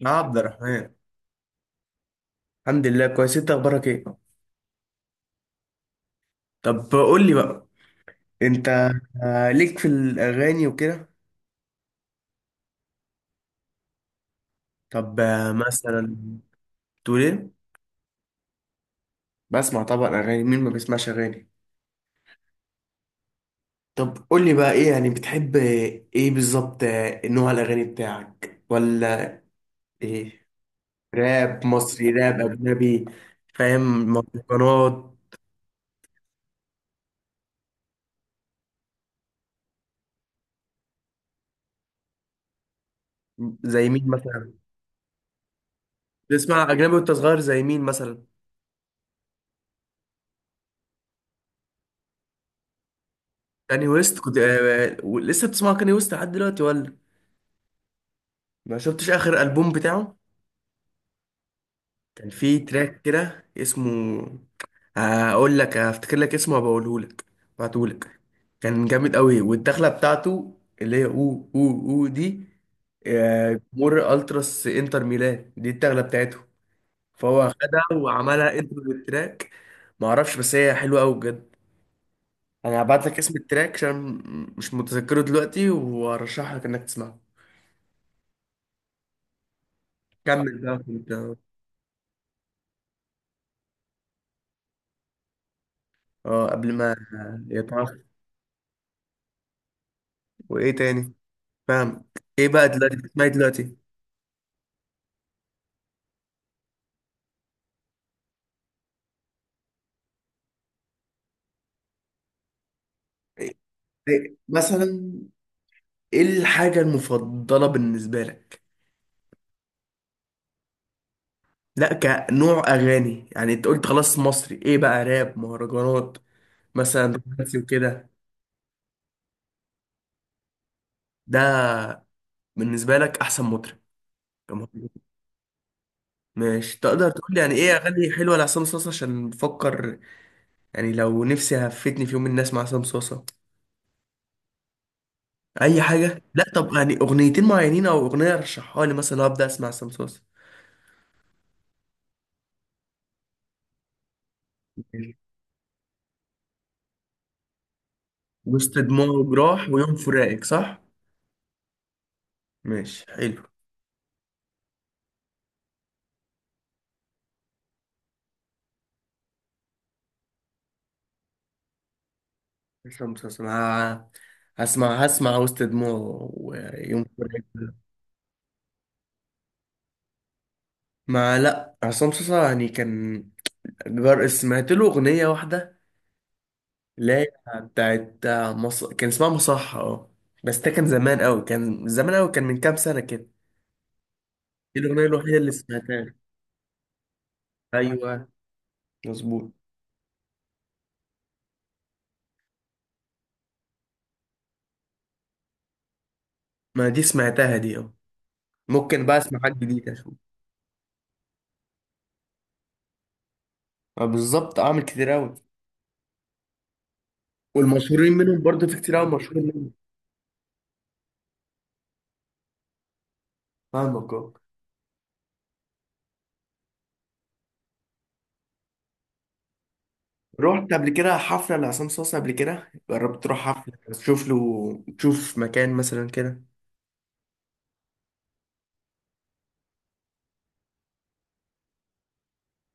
يا عبد الرحمن. الحمد لله كويس. انت اخبارك ايه؟ طب قول لي بقى، انت ليك في الاغاني وكده؟ طب مثلا تقول ايه؟ بسمع طبعا اغاني، مين ما بيسمعش اغاني؟ طب قول لي بقى ايه يعني، بتحب ايه بالظبط؟ نوع الاغاني بتاعك ولا ايه؟ راب مصري، راب اجنبي، فاهم؟ مهرجانات؟ زي مين مثلا؟ تسمع اجنبي وانت صغير، زي مين مثلا؟ كاني ويست كنت؟ لسه بتسمع كاني ويست لحد دلوقتي ولا؟ ما شفتش اخر البوم بتاعه؟ كان فيه تراك كده اسمه، هقول لك، هفتكر لك اسمه وبقوله لك، بعته لك. كان جامد قوي، والدخله بتاعته اللي هي او دي، مر التراس انتر ميلان دي الدخله بتاعته. فهو خدها وعملها انتر للتراك. ما اعرفش، بس هي حلوه قوي بجد. انا هبعت لك اسم التراك عشان مش متذكره دلوقتي، وارشح لك انك تسمعه. كمل بقى، كنت اه قبل ما يتعرف. وايه تاني، فاهم؟ ايه بقى دلوقتي بتسمعي دلوقتي؟ إيه إيه مثلا؟ ايه الحاجة المفضلة بالنسبة لك؟ لا كنوع اغاني يعني، انت قلت خلاص مصري، ايه بقى؟ راب؟ مهرجانات؟ مثلا رومانسي وكده؟ ده بالنسبة لك احسن مطرب، كمطرب. ماشي، تقدر تقول لي يعني ايه اغاني حلوة لعصام صاصا، عشان بفكر يعني لو نفسي هفتني في يوم من اسمع عصام صاصا. اي حاجة؟ لا طب يعني اغنيتين معينين او اغنية رشحها لي مثلا ابدا اسمع عصام صاصا. وسط دماغه راح، ويوم فراقك، صح؟ ماشي، حلو. اسمع مسلسل ه- هسمع وسط دماغه ويوم فراقك ده. ما لا، عصام مسلسل يعني كان جار، سمعت له أغنية واحدة، لا، بتاعت كان اسمها مصحة، اه. بس ده كان زمان قوي، كان زمان قوي، كان من كام سنة كده. دي الأغنية الوحيدة اللي سمعتها له. أيوه، مظبوط. ما دي سمعتها دي، اه. ممكن بقى اسمع حاجة جديدة اشوف. بالظبط، اعمل كتير قوي. والمشهورين منهم برضه في كتير قوي مشهورين منهم. فاهمك، اه. رحت قبل كده حفلة لعصام صاصا؟ قبل كده جربت تروح حفلة تشوف له، تشوف مكان مثلا كده؟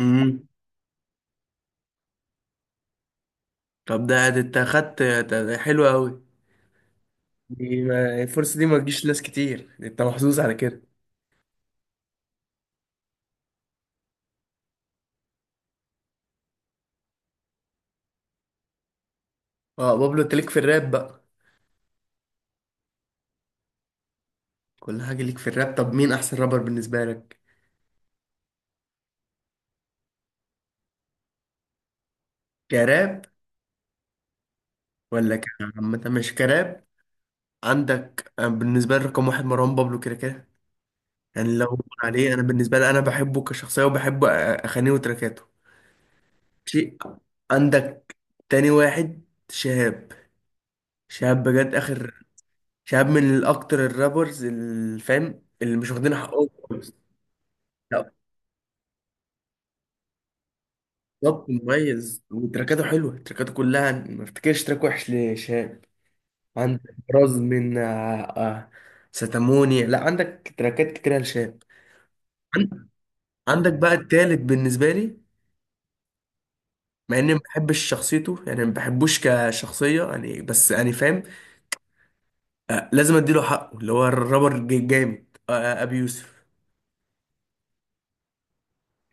امم. طب ده، ده انت اخدت ده، ده حلو قوي. دي ما- الفرصة دي ما تجيش ناس كتير، انت محظوظ على كده. اه، بابلو. انت ليك في الراب بقى؟ كل حاجة ليك في الراب. طب مين احسن رابر بالنسبة لك، كراب ولا كعامة؟ مش كراب. عندك بالنسبة لي رقم واحد مروان بابلو كده كده. يعني لا غبار عليه، انا بالنسبه لي، انا بحبه كشخصيه وبحب اغانيه وتراكاته، شيء. عندك تاني واحد، شهاب. شهاب بجد اخر. شهاب من الاكتر الرابرز الفام اللي مش واخدين حقهم خالص. لا بالظبط، مميز، وتراكاته حلوه، تراكاته كلها ما افتكرش تراك وحش لشهاب. عندك راز من ستاموني، لا، عندك تراكات كتيره لشهاب. عندك بقى التالت بالنسبه لي، مع اني ما بحبش شخصيته يعني، ما بحبوش كشخصيه يعني، بس يعني فاهم، لازم اديله حقه، اللي هو الرابر جامد، ابي يوسف.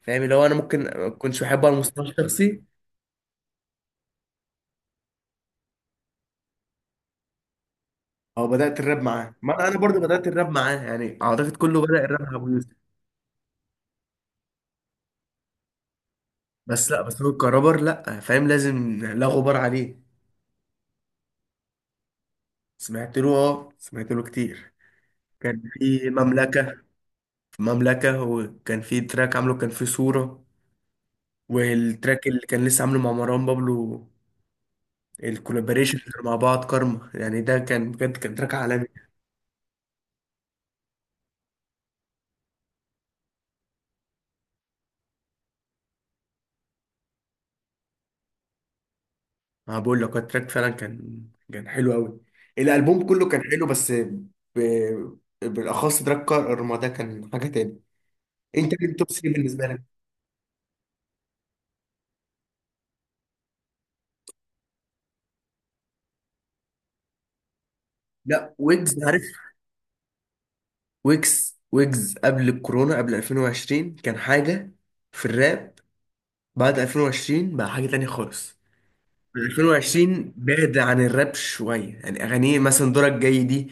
فاهم، اللي هو انا ممكن ما كنتش بحبه على المستوى الشخصي، او بدات الراب معاه، ما انا برضه بدات الراب معاه يعني، اعتقد كله بدا الراب مع ابو يوسف. بس لا، بس هو كرابر، لا فاهم، لازم لا غبار عليه. سمعت له كتير. كان في مملكه، مملكه، وكان في تراك عامله، كان في صوره، والتراك اللي كان لسه عامله مع مروان بابلو، الكولابريشن مع بعض، كارما يعني، ده كان بجد كان تراك عالمي. ما بقول لك، هو التراك فعلا كان، كان حلو قوي. الالبوم كله كان حلو، بالاخص تراك كارما ده كان حاجه تاني. انت مين توب 3 بالنسبه لك؟ لا، ويجز عارف، ويجز قبل الكورونا، قبل 2020 كان حاجه في الراب. بعد 2020 بقى حاجه تانية خالص. 2020 بعد عن الراب شويه، يعني اغانيه مثلا دورك جاي دي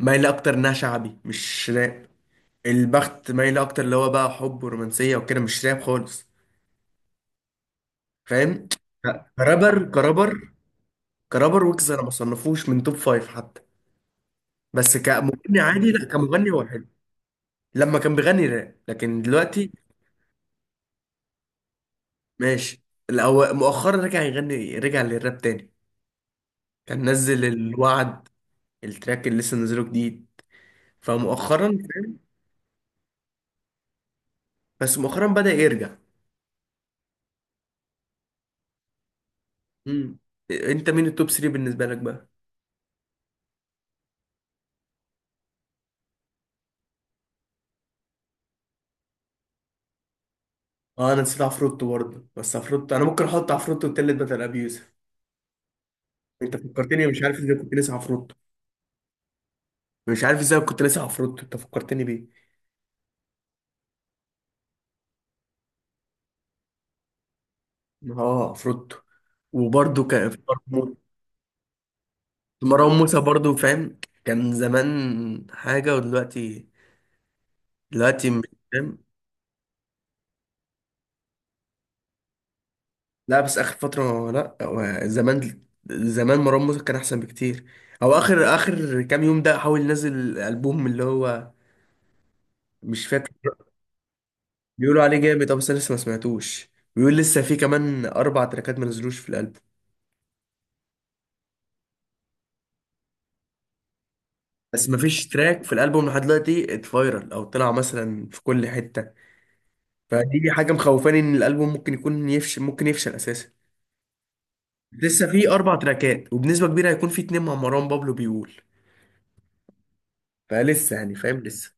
مايله اكتر انها شعبي مش راب. البخت مايل اكتر، اللي هو بقى حب ورومانسيه وكده، مش راب خالص، فاهم. لا، كرابر كرابر كرابر ويجز انا ما صنفوش من توب فايف حتى. بس كمغني عادي، لا كمغني هو حلو، لما كان بيغني راب، لكن دلوقتي ماشي. مؤخرا رجع يغني، رجع للراب تاني، كان نزل الوعد، التراك اللي لسه نزله جديد، فمؤخرا فاهم؟ بس مؤخرا بدأ يرجع. مم. انت مين التوب 3 بالنسبه لك بقى؟ اه انا نسيت عفروتو برضه، بس عفروتو انا ممكن احط عفروتو التالت بدل ابي يوسف. انت فكرتني، مش عارف ازاي كنت ناسي عفروتو. مش عارف ازاي كنت ناسي عفروتو، انت فكرتني بيه. اه، عفروتو. وبرده كان في مروان مروان موسى برضه، فاهم، كان زمان حاجة، ودلوقتي دلوقتي مش فاهم. لا بس آخر فترة، لا هو زمان، زمان مروان موسى كان أحسن بكتير. أو آخر آخر كام يوم ده، حاول ينزل ألبوم اللي هو مش فاكر. بيقولوا عليه جامد، أه، بس أنا لسه ما سمعتوش. بيقول لسه في كمان أربع تراكات ما نزلوش في الألبوم. بس مفيش تراك في الالبوم لحد دلوقتي اتفايرل او طلع مثلا في كل حته، فدي حاجه مخوفاني ان الالبوم ممكن يكون يفشل، ممكن يفشل اساسا. لسه في اربع تراكات، وبنسبه كبيره هيكون في اتنين مع مروان بابلو بيقول. فلسه يعني، فاهم، لسه.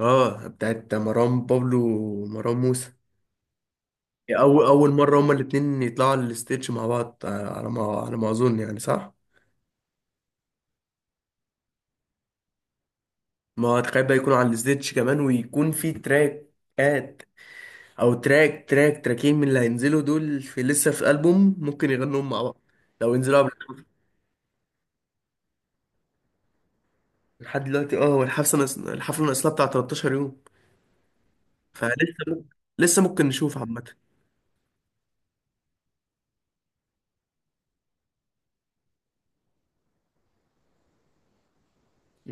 اه، بتاعت مروان بابلو ومروان موسى. اول اول مره هما الاتنين يطلعوا على الستيتش مع بعض، على ما اظن يعني، صح؟ ما تخيل بقى يكونوا على الستيتش كمان، ويكون في تراكات، او تراكين من اللي هينزلوا دول، في لسه في البوم ممكن يغنوهم مع بعض لو ينزلوا قبل الحفلة. لحد دلوقتي، اه، هو الحفله الحفله ناقصلها بتاع 13 يوم، فلسه ممكن، لسه ممكن نشوف عامه.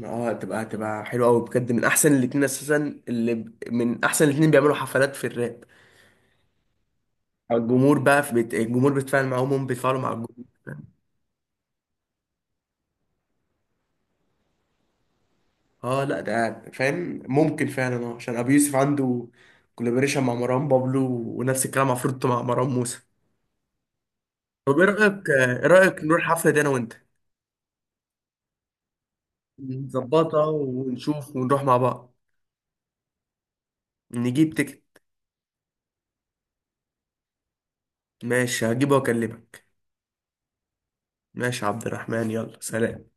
اه، هتبقى حلوه قوي بجد، من احسن الاتنين اساسا، من احسن الاتنين بيعملوا حفلات في الراب. الجمهور بيتفاعل معاهم، هم بيتفاعلوا مع الجمهور، فاهم؟ اه لا، ده فاهم، ممكن فعلا اه، عشان ابو يوسف عنده كولابوريشن مع مروان بابلو، ونفس الكلام مع فروتو مع مروان موسى. طب ايه رأيك، نروح الحفلة دي انا وانت، نظبطها ونشوف ونروح مع بعض، نجيب تيكت. ماشي، هجيبه واكلمك. ماشي يا عبد الرحمن، يلا سلام.